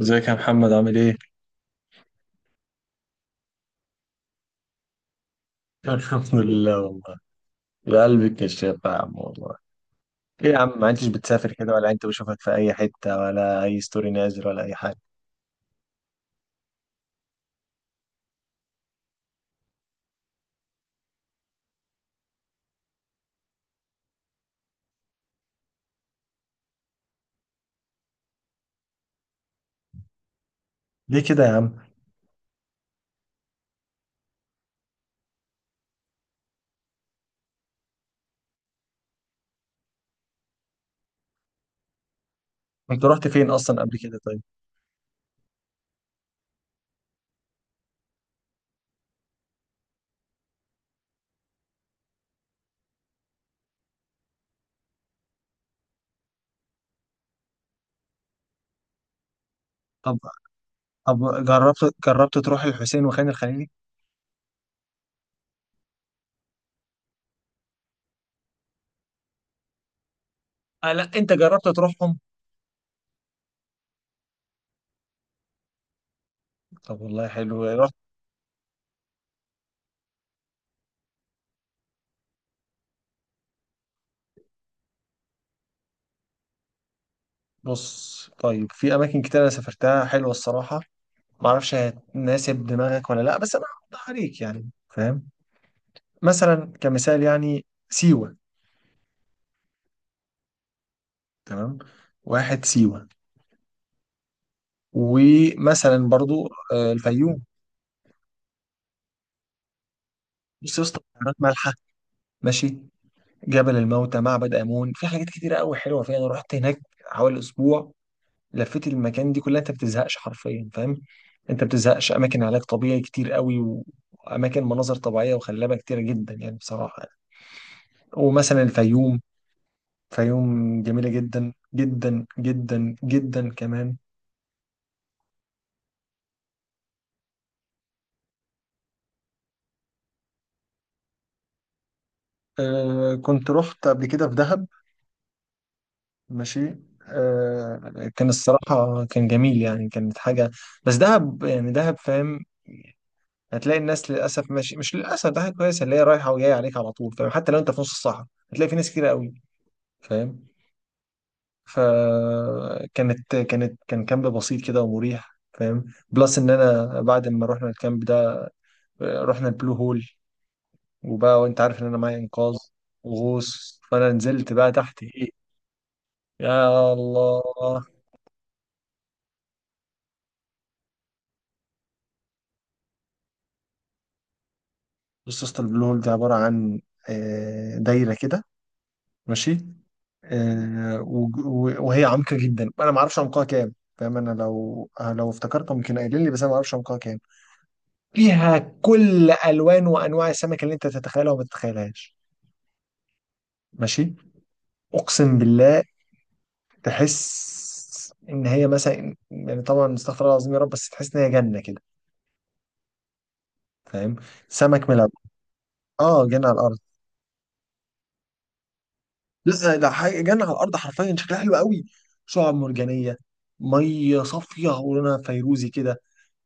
ازيك يا محمد، عامل ايه؟ الحمد لله والله. يا قلبي الكشاف يا عم والله. ايه يا عم، ما انتش بتسافر كده، ولا انت بشوفك في اي حتة، ولا اي ستوري نازل، ولا اي حاجة؟ ليه كده يا عم؟ انت رحت فين اصلا قبل كده طيب؟ طب طب جربت تروح الحسين وخان الخليلي؟ آه لا، انت جربت تروحهم؟ طب والله حلو، رحت. بص طيب، في اماكن كتير انا سافرتها حلوة الصراحة. معرفش هتناسب دماغك ولا لا، بس انا هوضح عليك يعني، فاهم؟ مثلا كمثال يعني سيوة. تمام. واحد سيوه. ومثلا برضو الفيوم. بص يا اسطى، بحيرات مالحه. ماشي. جبل الموتى، معبد امون، في حاجات كتيره قوي حلوه فيها. انا رحت هناك حوالي اسبوع، لفيت المكان دي كلها. انت ما بتزهقش حرفيا، فاهم؟ انت ما بتزهقش. اماكن علاج طبيعي كتير قوي، واماكن مناظر طبيعيه وخلابه كتيره جدا، يعني بصراحه يعني. ومثلا الفيوم، فيوم جميله جدا جدا جدا جدا كمان. آه كنت رحت قبل كده في دهب. ماشي. آه كان الصراحة كان جميل يعني، كانت حاجة. بس دهب يعني دهب، فاهم؟ هتلاقي الناس للأسف، ماشي مش للأسف، دهب كويسة، اللي هي رايحة وجاية عليك على طول، فاهم؟ حتى لو أنت في نص الصحراء هتلاقي في ناس كتير قوي، فاهم؟ فكانت كانت كان كامب بسيط كده ومريح، فاهم؟ بلس إن أنا بعد ما رحنا الكامب ده رحنا البلو هول. وبقى وأنت عارف إن أنا معايا إنقاذ وغوص، فأنا نزلت بقى تحت إيه. يا الله. بص يا اسطى، البلو هول ده عبارة عن دايرة كده. ماشي. وهي عمقة جدا، أنا ما أعرفش عمقها كام، فاهم؟ أنا لو لو افتكرت ممكن قايلين لي، بس أنا ما أعرفش عمقها كام. فيها كل ألوان وأنواع السمك اللي أنت تتخيلها وما تتخيلهاش. ماشي. أقسم بالله، تحس إن هي مثلا يعني، طبعا استغفر الله العظيم يا رب، بس تحس إن هي جنة كده، فاهم؟ سمك من الأول. آه جنة على الأرض. لا ده حاجه جنه على الارض حرفيا، شكلها حلو قوي. شعاب مرجانيه، ميه صافيه ولونها فيروزي كده.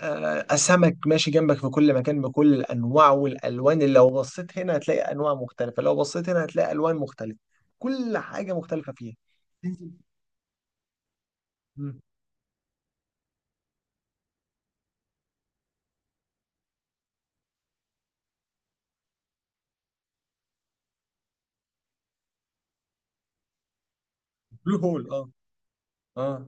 سمك ماشي جنبك في كل مكان بكل الانواع والالوان، اللي لو بصيت هنا هتلاقي انواع مختلفه، لو بصيت هنا هتلاقي الوان مختلفه. كل حاجه مختلفه فيها. تنزل. مم. بلو هول اه. اه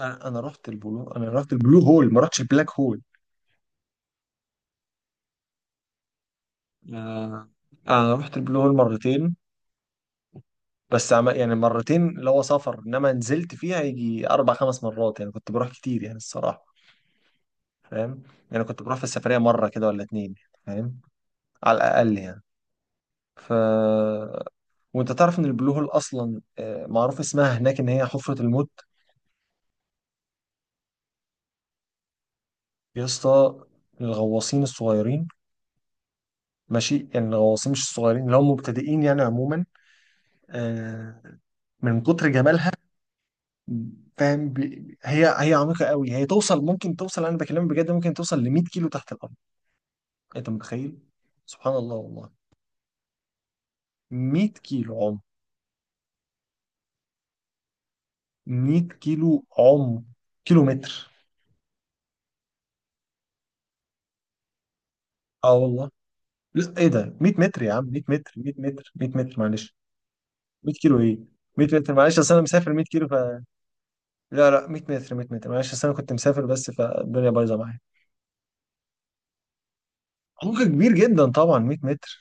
أنا رحت البلو، انا رحت البلو هول، ما رحتش البلاك هول. آه. انا رحت البلو هول مرتين. بس عم يعني مرتين اللي هو سفر، انما نزلت فيها يجي اربع خمس مرات يعني، كنت بروح كتير يعني الصراحه، فاهم؟ يعني كنت بروح في السفريه مره كده ولا اتنين، فاهم؟ على الاقل يعني. ف وانت تعرف ان البلو هول اصلا معروف اسمها هناك ان هي حفره الموت. يا اسطى، الغواصين الصغيرين، ماشي يعني الغواصين مش الصغيرين، اللي هم مبتدئين يعني عموما، آه، من كتر جمالها، فاهم؟ هي عميقه قوي، هي توصل، ممكن توصل، انا بكلمك بجد ممكن توصل ل 100 كيلو تحت الارض. انت متخيل؟ سبحان الله والله. 100 كيلو عمق. 100 كيلو عمق، كيلو متر. اه والله. لا ايه ده 100 متر يا عم، 100 متر، 100 متر معلش. 100 كيلو ايه، 100 متر معلش، اصل انا مسافر 100 كيلو ف. لا لا 100 متر، 100 متر معلش، اصل انا كنت مسافر بس، فالدنيا بايظه معايا. عمق كبير جدا طبعا 100 متر.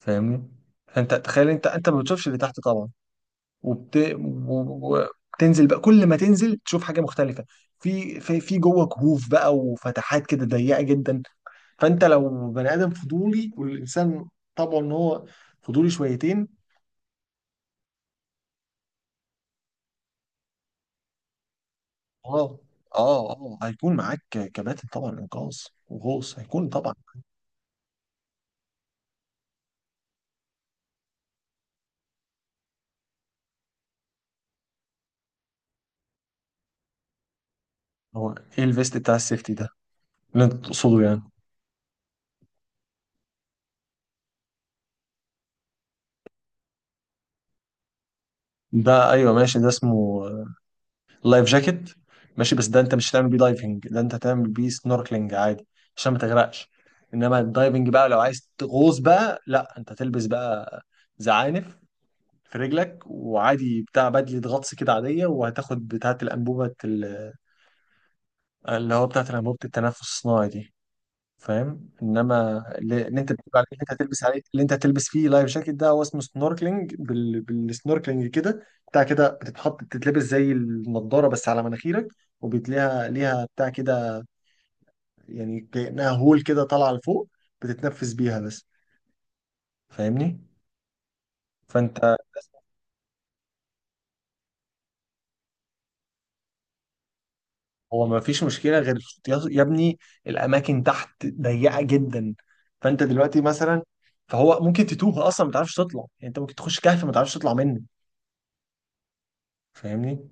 فاهمني؟ فانت تخيل، انت ما بتشوفش اللي تحت طبعا. وبت... و- وبتنزل بقى، كل ما تنزل تشوف حاجه مختلفه. في جوه كهوف بقى وفتحات كده ضيقه جدا. فانت لو بني ادم فضولي، والانسان طبعا ان هو فضولي شويتين. اه. اه اه، هيكون معاك كباتن طبعا انقاذ وغوص هيكون طبعا. هو ايه الفيست بتاع السيفتي ده اللي انت تقصده يعني؟ ده ايوه ماشي، ده اسمه لايف جاكيت. ماشي، بس ده انت مش هتعمل بيه دايفنج، ده انت هتعمل بيه سنوركلينج عادي، عشان ما تغرقش. انما الدايفنج بقى لو عايز تغوص بقى، لا انت تلبس بقى زعانف في رجلك، وعادي بتاع بدلة غطس كده عادية، وهتاخد بتاعة الأنبوبة اللي هو بتاعة الأنبوبة التنفس الصناعي دي، فاهم؟ انما اللي انت بتقول عليه، اللي انت هتلبس عليه، اللي انت هتلبس فيه لايف جاكيت ده، هو اسمه سنوركلينج بالسنوركلينج كده. بتاع كده، بتتحط بتتلبس زي النضارة بس على مناخيرك، وبتلاقيها ليها بتاع كده، يعني كأنها هول كده طالعة لفوق، بتتنفس بيها بس. فاهمني؟ فانت، هو ما فيش مشكلة غير، يا ابني، الأماكن تحت ضيقة جدا. فأنت دلوقتي مثلا، فهو ممكن تتوه أصلا، ما تعرفش تطلع، يعني أنت ممكن تخش كهف ما تعرفش تطلع منه. فاهمني؟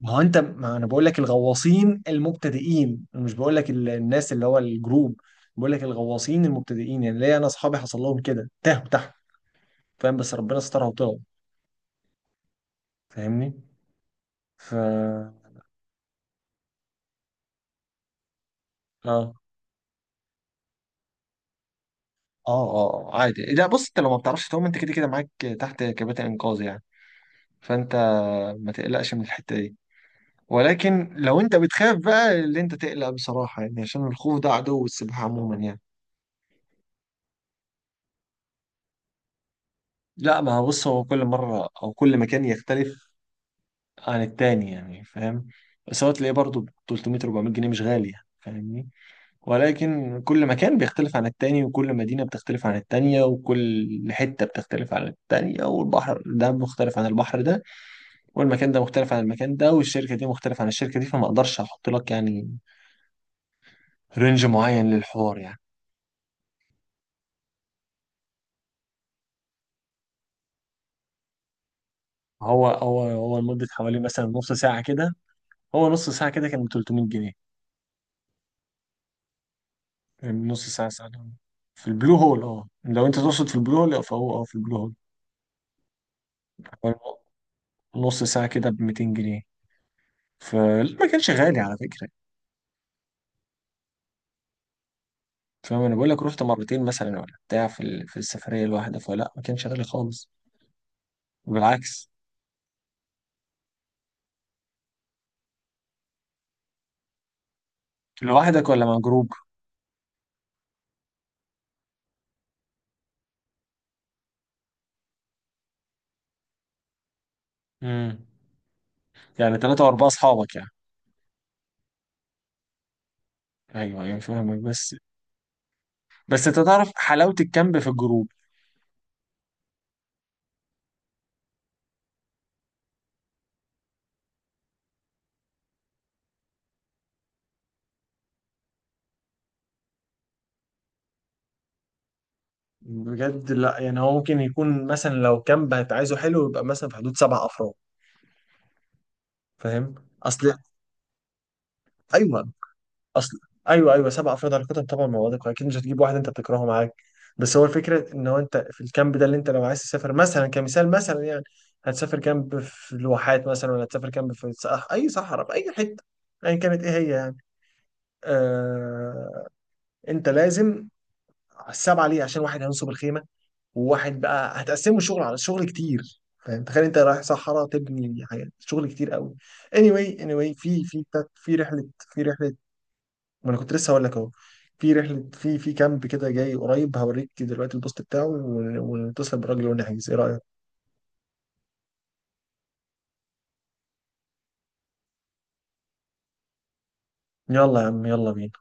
ما هو أنت، ما أنا بقول لك الغواصين المبتدئين، أنا مش بقول لك الناس اللي هو الجروب، بقول لك الغواصين المبتدئين يعني. ليا أنا أصحابي حصل لهم كده، تاهوا تحت، فاهم؟ بس ربنا سترها وطلعوا. فاهمني؟ ف آه. اه. اه عادي، لا بص، انت لو ما بتعرفش تعوم انت كده كده معاك تحت كباتن انقاذ يعني، فانت ما تقلقش من الحتة دي. ولكن لو انت بتخاف بقى، اللي انت تقلق بصراحة يعني، عشان الخوف ده عدو السباحة عموما يعني. لا ما هو بص، هو كل مرة او كل مكان يختلف عن التاني يعني، فاهم؟ بس هو تلاقيه برضه ب 300 400 جنيه، مش غالي يعني، فاهمني؟ ولكن كل مكان بيختلف عن التاني، وكل مدينة بتختلف عن التانية، وكل حتة بتختلف عن التانية، والبحر ده مختلف عن البحر ده، والمكان ده مختلف عن المكان ده، والشركة دي مختلفة عن الشركة دي، فما اقدرش احط لك يعني رينج معين للحوار يعني. هو لمدة حوالي مثلا نص ساعة كده. هو نص ساعة كده كان ب 300 جنيه. يعني نص ساعة، ساعة. في البلو هول اه، لو انت تقصد في البلو هول فهو اه، في البلو هول حوالي نص ساعة كده ب 200 جنيه. فما كانش غالي على فكرة. فاهم انا بقول لك رحت مرتين مثلا ولا بتاع في السفرية الواحدة، فلا ما كانش غالي خالص. بالعكس. لوحدك ولا مع جروب؟ امم. يعني ثلاثة وأربعة أصحابك يعني. أيوه أيوه فاهمك. بس بس أنت تعرف حلاوة الكامب في الجروب، بجد. لا يعني هو ممكن يكون مثلا لو كامب هتعايزه حلو يبقى مثلا في حدود سبع افراد، فاهم؟ اصل. ايوه. اصل. ايوه ايوه، سبع افراد هناخدهم طبعا مع بعضك، اكيد مش هتجيب واحد انت بتكرهه معاك. بس هو الفكره ان هو انت في الكامب ده، اللي انت لو عايز تسافر مثلا كمثال مثلا يعني، هتسافر كامب في الواحات مثلا، ولا هتسافر كامب اي صحراء في اي حته ايا كانت ايه هي يعني. آه، انت لازم السبعه ليه؟ عشان واحد هينصب الخيمه، وواحد بقى هتقسموا الشغل، على شغل كتير، فاهم؟ تخيل انت رايح صحراء تبني حاجات، شغل كتير قوي. anyway في رحله. ما انا كنت لسه هقول لك اهو، في رحله، في كامب كده جاي قريب، هوريك دلوقتي البوست بتاعه ونتصل بالراجل ونحجز، ايه رايك؟ يلا يا عم يلا بينا.